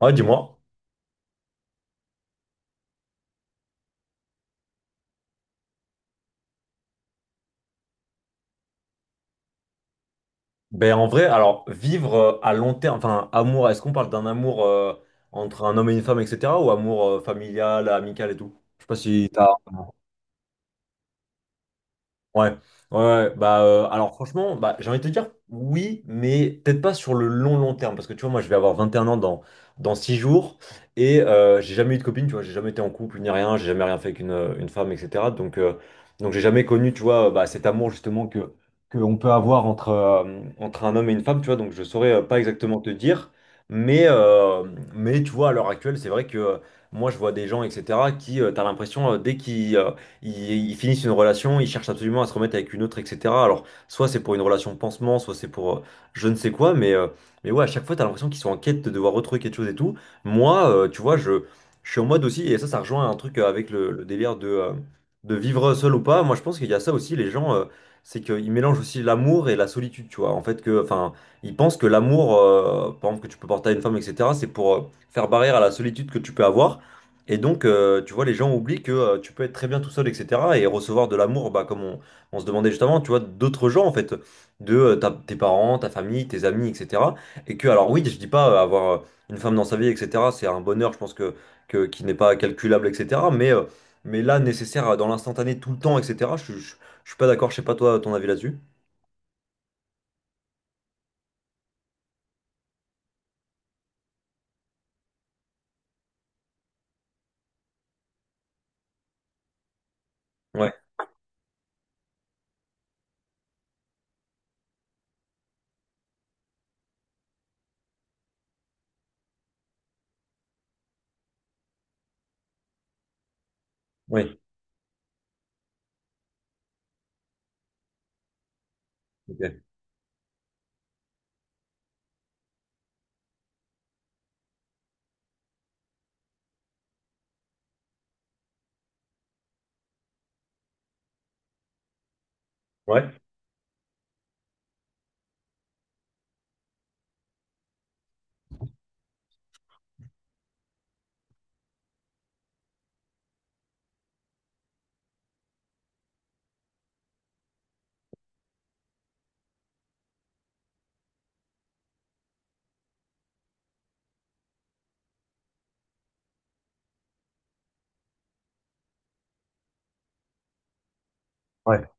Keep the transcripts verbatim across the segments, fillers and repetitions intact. Ouais, dis-moi. Ben, en vrai, alors, vivre euh, à long terme, enfin, amour, est-ce qu'on parle d'un amour euh, entre un homme et une femme, et cetera, ou amour euh, familial, amical et tout? Je sais pas si t'as. Ouais, ouais, ouais. Bah euh, alors franchement, bah, j'ai envie de te dire oui, mais peut-être pas sur le long long terme, parce que tu vois, moi je vais avoir vingt et un ans dans, dans six jours, et euh, j'ai jamais eu de copine, tu vois, j'ai jamais été en couple ni rien, j'ai jamais rien fait avec une, euh, une femme, et cetera. Donc, euh, donc j'ai jamais connu, tu vois, euh, bah, cet amour justement que, que on peut avoir entre, euh, entre un homme et une femme, tu vois, donc je saurais euh, pas exactement te dire, mais, euh, mais tu vois, à l'heure actuelle, c'est vrai que euh, moi je vois des gens, et cetera, qui, euh, t'as l'impression, euh, dès qu'ils... euh, ils, ils finissent une relation, ils cherchent absolument à se remettre avec une autre, et cetera. Alors, soit c'est pour une relation pansement, soit c'est pour euh, je ne sais quoi, mais, euh, mais ouais, à chaque fois, t'as l'impression qu'ils sont en quête de devoir retrouver quelque chose et tout. Moi, euh, tu vois, je, je suis en mode aussi, et ça, ça rejoint un truc euh, avec le, le délire de, euh, de vivre seul ou pas. Moi, je pense qu'il y a ça aussi, les gens, euh, c'est qu'ils mélangent aussi l'amour et la solitude, tu vois. En fait, que, enfin, ils pensent que l'amour, euh, par exemple, que tu peux porter à une femme, et cetera, c'est pour euh, faire barrière à la solitude que tu peux avoir. Et donc, euh, tu vois, les gens oublient que euh, tu peux être très bien tout seul, et cetera. Et recevoir de l'amour, bah, comme on, on se demandait justement, tu vois, d'autres gens, en fait, de euh, ta- tes parents, ta famille, tes amis, et cetera. Et que, alors oui, je dis pas euh, avoir euh, une femme dans sa vie, et cetera, c'est un bonheur, je pense, que, que, qui n'est pas calculable, et cetera. Mais, euh, mais là, nécessaire euh, dans l'instantané, tout le temps, et cetera, je, je, je suis pas d'accord, je sais pas toi, ton avis là-dessus. Ouais, ouais, ok. Ouais, ouais,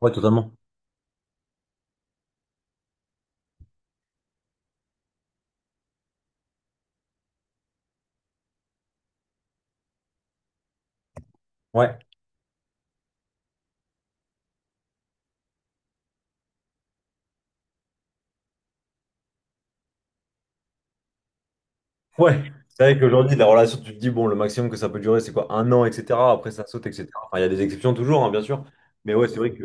ouais, totalement. Ouais. Ouais, c'est vrai qu'aujourd'hui, la relation, tu te dis, bon, le maximum que ça peut durer, c'est quoi? Un an, et cetera. Après, ça saute, et cetera. Enfin, il y a des exceptions toujours, hein, bien sûr. Mais ouais, c'est vrai que.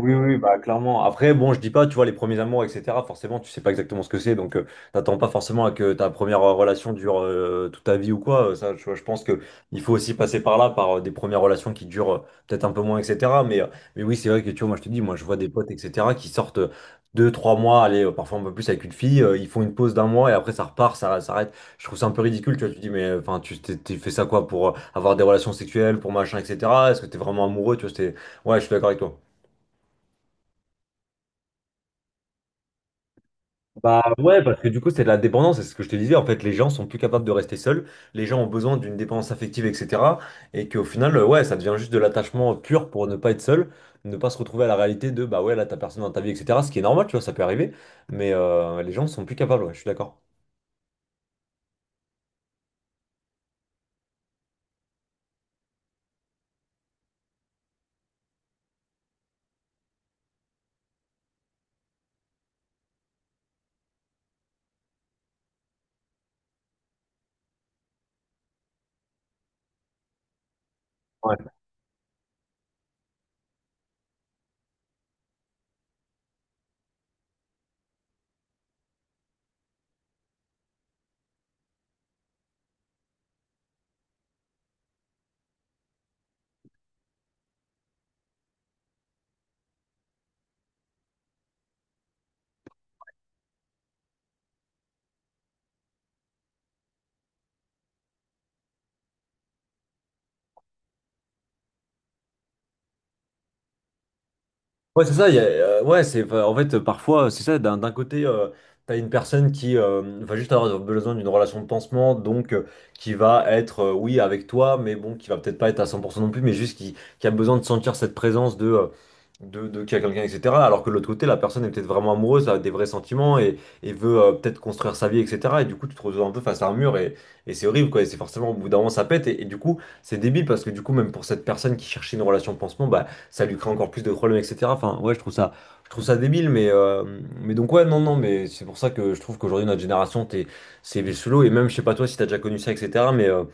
Oui, oui, bah clairement. Après, bon, je dis pas, tu vois, les premiers amours, et cetera. Forcément, tu sais pas exactement ce que c'est, donc euh, t'attends pas forcément à que ta première euh, relation dure euh, toute ta vie ou quoi. Euh, Ça, je, je pense que il faut aussi passer par là, par euh, des premières relations qui durent euh, peut-être un peu moins, et cetera. Mais, euh, mais oui, c'est vrai que tu vois, moi je te dis, moi je vois des potes, et cetera qui sortent euh, deux, trois mois, allez, euh, parfois un peu plus avec une fille, euh, ils font une pause d'un mois et après ça repart, ça s'arrête. Je trouve ça un peu ridicule, tu vois. Tu te dis, mais enfin, tu t'es t'es fait ça quoi pour euh, avoir des relations sexuelles, pour machin, et cetera. Est-ce que t'es vraiment amoureux, tu vois, c'est. Ouais, je suis d'accord avec toi. Bah ouais, parce que du coup, c'est de la dépendance, c'est ce que je te disais. En fait, les gens sont plus capables de rester seuls, les gens ont besoin d'une dépendance affective, et cetera. Et qu'au final, euh, ouais, ça devient juste de l'attachement pur pour ne pas être seul, ne pas se retrouver à la réalité de bah ouais, là, t'as personne dans ta vie, et cetera. Ce qui est normal, tu vois, ça peut arriver, mais euh, les gens sont plus capables, ouais, je suis d'accord. Ouais. Ouais, c'est ça. il y a- euh, ouais, c'est, enfin, en fait, parfois, c'est ça. D'un d'un côté, euh, t'as une personne qui euh, va juste avoir besoin d'une relation de pansement, donc euh, qui va être, euh, oui, avec toi, mais bon, qui va peut-être pas être à cent pour cent non plus, mais juste qui, qui a besoin de sentir cette présence de, euh, de, de qu'il y a quelqu'un, et cetera. Alors que de l'autre côté, la personne est peut-être vraiment amoureuse, a des vrais sentiments et, et veut euh, peut-être construire sa vie, et cetera. Et du coup, tu te retrouves un peu face à un mur et, et c'est horrible, quoi. Et c'est forcément, au bout d'un moment, ça pète. Et, et du coup, c'est débile parce que du coup, même pour cette personne qui cherchait une relation de pansement, bah, ça lui crée encore plus de problèmes, et cetera. Enfin, ouais, je trouve ça, je trouve ça débile, mais, euh, mais donc, ouais, non, non, mais c'est pour ça que je trouve qu'aujourd'hui, notre génération, t'es, c'est solo, et même, je sais pas toi si t'as déjà connu ça, et cetera, mais. euh,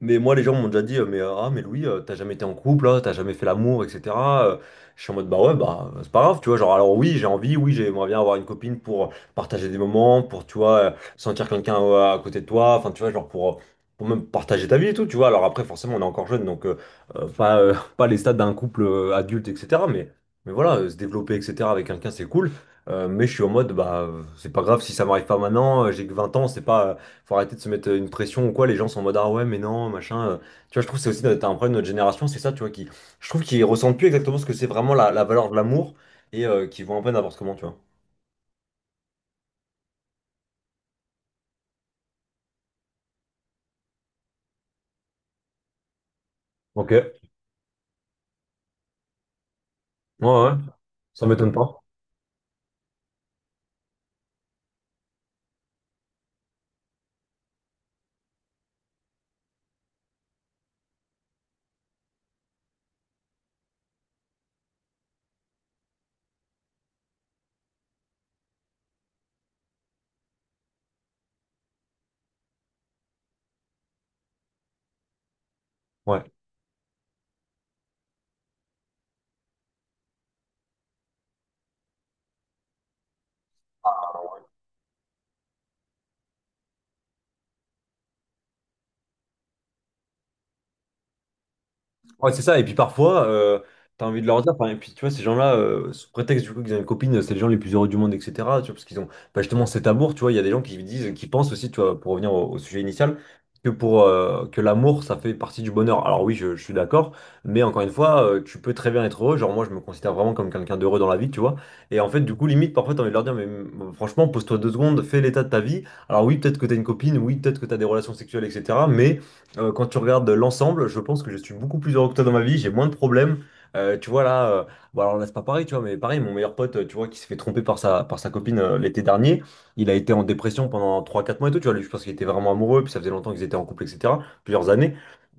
mais moi, les gens m'ont déjà dit, euh, mais euh, ah, mais Louis, euh, t'as jamais été en couple, hein, t'as jamais fait l'amour, et cetera. Euh, je suis en mode, bah ouais, bah c'est pas grave, tu vois. Genre, alors oui, j'ai envie, oui, j'aimerais bien avoir une copine pour partager des moments, pour, tu vois, euh, sentir quelqu'un euh, à côté de toi, enfin, tu vois, genre pour, euh, pour même partager ta vie et tout, tu vois. Alors après, forcément, on est encore jeune, donc euh, euh, pas, euh, pas les stades d'un couple euh, adulte, et cetera. Mais, mais voilà, euh, se développer, et cetera avec quelqu'un, c'est cool. Euh, mais je suis en mode, bah, euh, c'est pas grave si ça m'arrive pas maintenant, euh, j'ai que vingt ans, c'est pas. Faut arrêter de se mettre euh, une pression ou quoi, les gens sont en mode ah ouais mais non, machin. euh. Tu vois, je trouve que c'est aussi notre- un problème de notre génération, c'est ça, tu vois, qui, je trouve qu'ils ressentent plus exactement ce que c'est vraiment la, la valeur de l'amour et qui vont un peu n'importe comment, tu vois. Ok, ouais, ouais, ça m'étonne pas. Ouais. Ouais, c'est ça. Et puis parfois, euh, t'as envie de leur dire, enfin, et puis tu vois, ces gens-là, euh, sous prétexte du coup qu'ils ont une copine, c'est les gens les plus heureux du monde, et cetera. Tu vois, parce qu'ils ont bah, justement cet amour. Tu vois, il y a des gens qui disent, qui pensent aussi, tu vois, pour revenir au, au sujet initial, que pour euh, que l'amour, ça fait partie du bonheur. Alors oui, je, je suis d'accord. Mais encore une fois, euh, tu peux très bien être heureux. Genre moi, je me considère vraiment comme quelqu'un d'heureux dans la vie, tu vois. Et en fait, du coup, limite, parfois, t'as envie de leur dire, mais mm, franchement, pose-toi deux secondes, fais l'état de ta vie. Alors oui, peut-être que t'as une copine, oui, peut-être que t'as des relations sexuelles, et cetera. Euh, quand tu regardes l'ensemble, je pense que je suis beaucoup plus heureux que toi dans ma vie, j'ai moins de problèmes. Euh, tu vois là, euh, bon alors là c'est pas pareil, tu vois, mais pareil, mon meilleur pote, euh, tu vois, qui s'est fait tromper par sa, par sa copine euh, l'été dernier, il a été en dépression pendant trois quatre mois et tout, tu vois, lui je pense qu'il était vraiment amoureux, puis ça faisait longtemps qu'ils étaient en couple, et cetera, plusieurs années.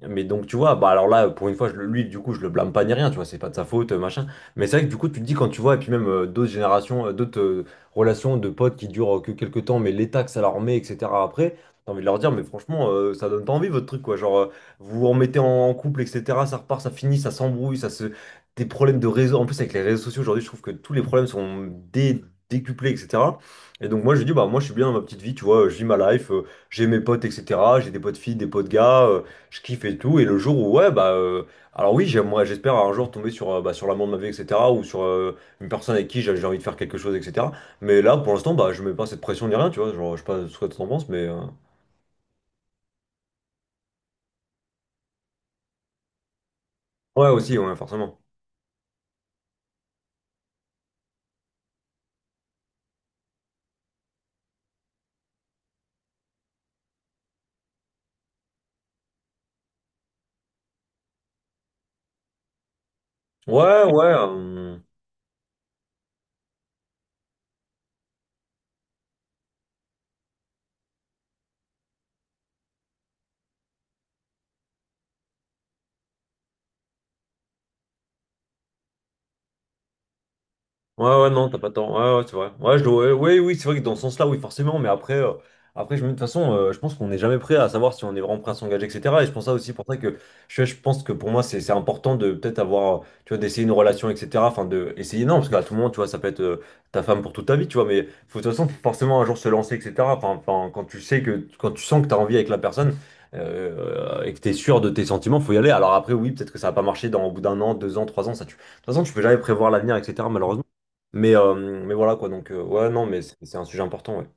Mais donc tu vois, bah alors là, pour une fois, je, le- lui du coup, je le blâme pas ni rien, tu vois, c'est pas de sa faute, euh, machin. Mais c'est vrai que du coup, tu te dis quand tu vois, et puis même euh, d'autres générations, euh, d'autres euh, relations de potes qui durent euh, que quelques temps, mais l'état que ça leur met, et cetera après. T'as envie de leur dire, mais franchement, euh, ça donne pas envie votre truc, quoi. Genre, euh, vous vous remettez en en couple, et cetera. Ça repart, ça finit, ça s'embrouille, ça se. Des problèmes de réseau. En plus, avec les réseaux sociaux aujourd'hui, je trouve que tous les problèmes sont dé- décuplés, et cetera. Et donc, moi, je dis, bah, moi, je suis bien dans ma petite vie, tu vois, je vis ma life, euh, j'ai mes potes, et cetera. J'ai des potes filles, des potes gars, euh, je kiffe et tout. Et le jour où, ouais, bah. euh, alors, oui, j'aimerais, j'espère un jour tomber sur, euh, bah, sur l'amour de ma vie, et cetera. Ou sur euh, une personne avec qui j'ai j'ai envie de faire quelque chose, et cetera. Mais là, pour l'instant, bah, je mets pas cette pression ni rien, tu vois. Genre, je sais pas ce que t'en penses, mais. euh, Ouais, aussi, ouais, forcément. Ouais, ouais. euh, Ouais, ouais, non, t'as pas tort. Ouais, ouais, c'est vrai. Ouais, je le- ouais, ouais, oui, c'est vrai que dans ce sens-là, oui, forcément. Mais après, euh, après je me... de toute façon, euh, je pense qu'on n'est jamais prêt à savoir si on est vraiment prêt à s'engager, et cetera. Et je pense ça aussi pour ça que je, je pense que pour moi, c'est c'est important de peut-être avoir, euh, tu vois, d'essayer une relation, et cetera. Enfin, de essayer, non, parce qu'à tout moment, tu vois, ça peut être euh, ta femme pour toute ta vie, tu vois. Mais faut, de toute façon, faut forcément un jour se lancer, et cetera. Enfin, enfin, quand tu sais que, quand tu sens que t'as envie avec la personne. euh, et que t'es sûr de tes sentiments, faut y aller. Alors après, oui, peut-être que ça va pas marcher dans au bout d'un an, deux ans, trois ans, ça tu. De toute façon, tu peux jamais prévoir l'avenir, et cetera. Malheureusement. Mais, euh, mais voilà quoi, donc euh, ouais, non, mais c'est c'est un sujet important. Ouais.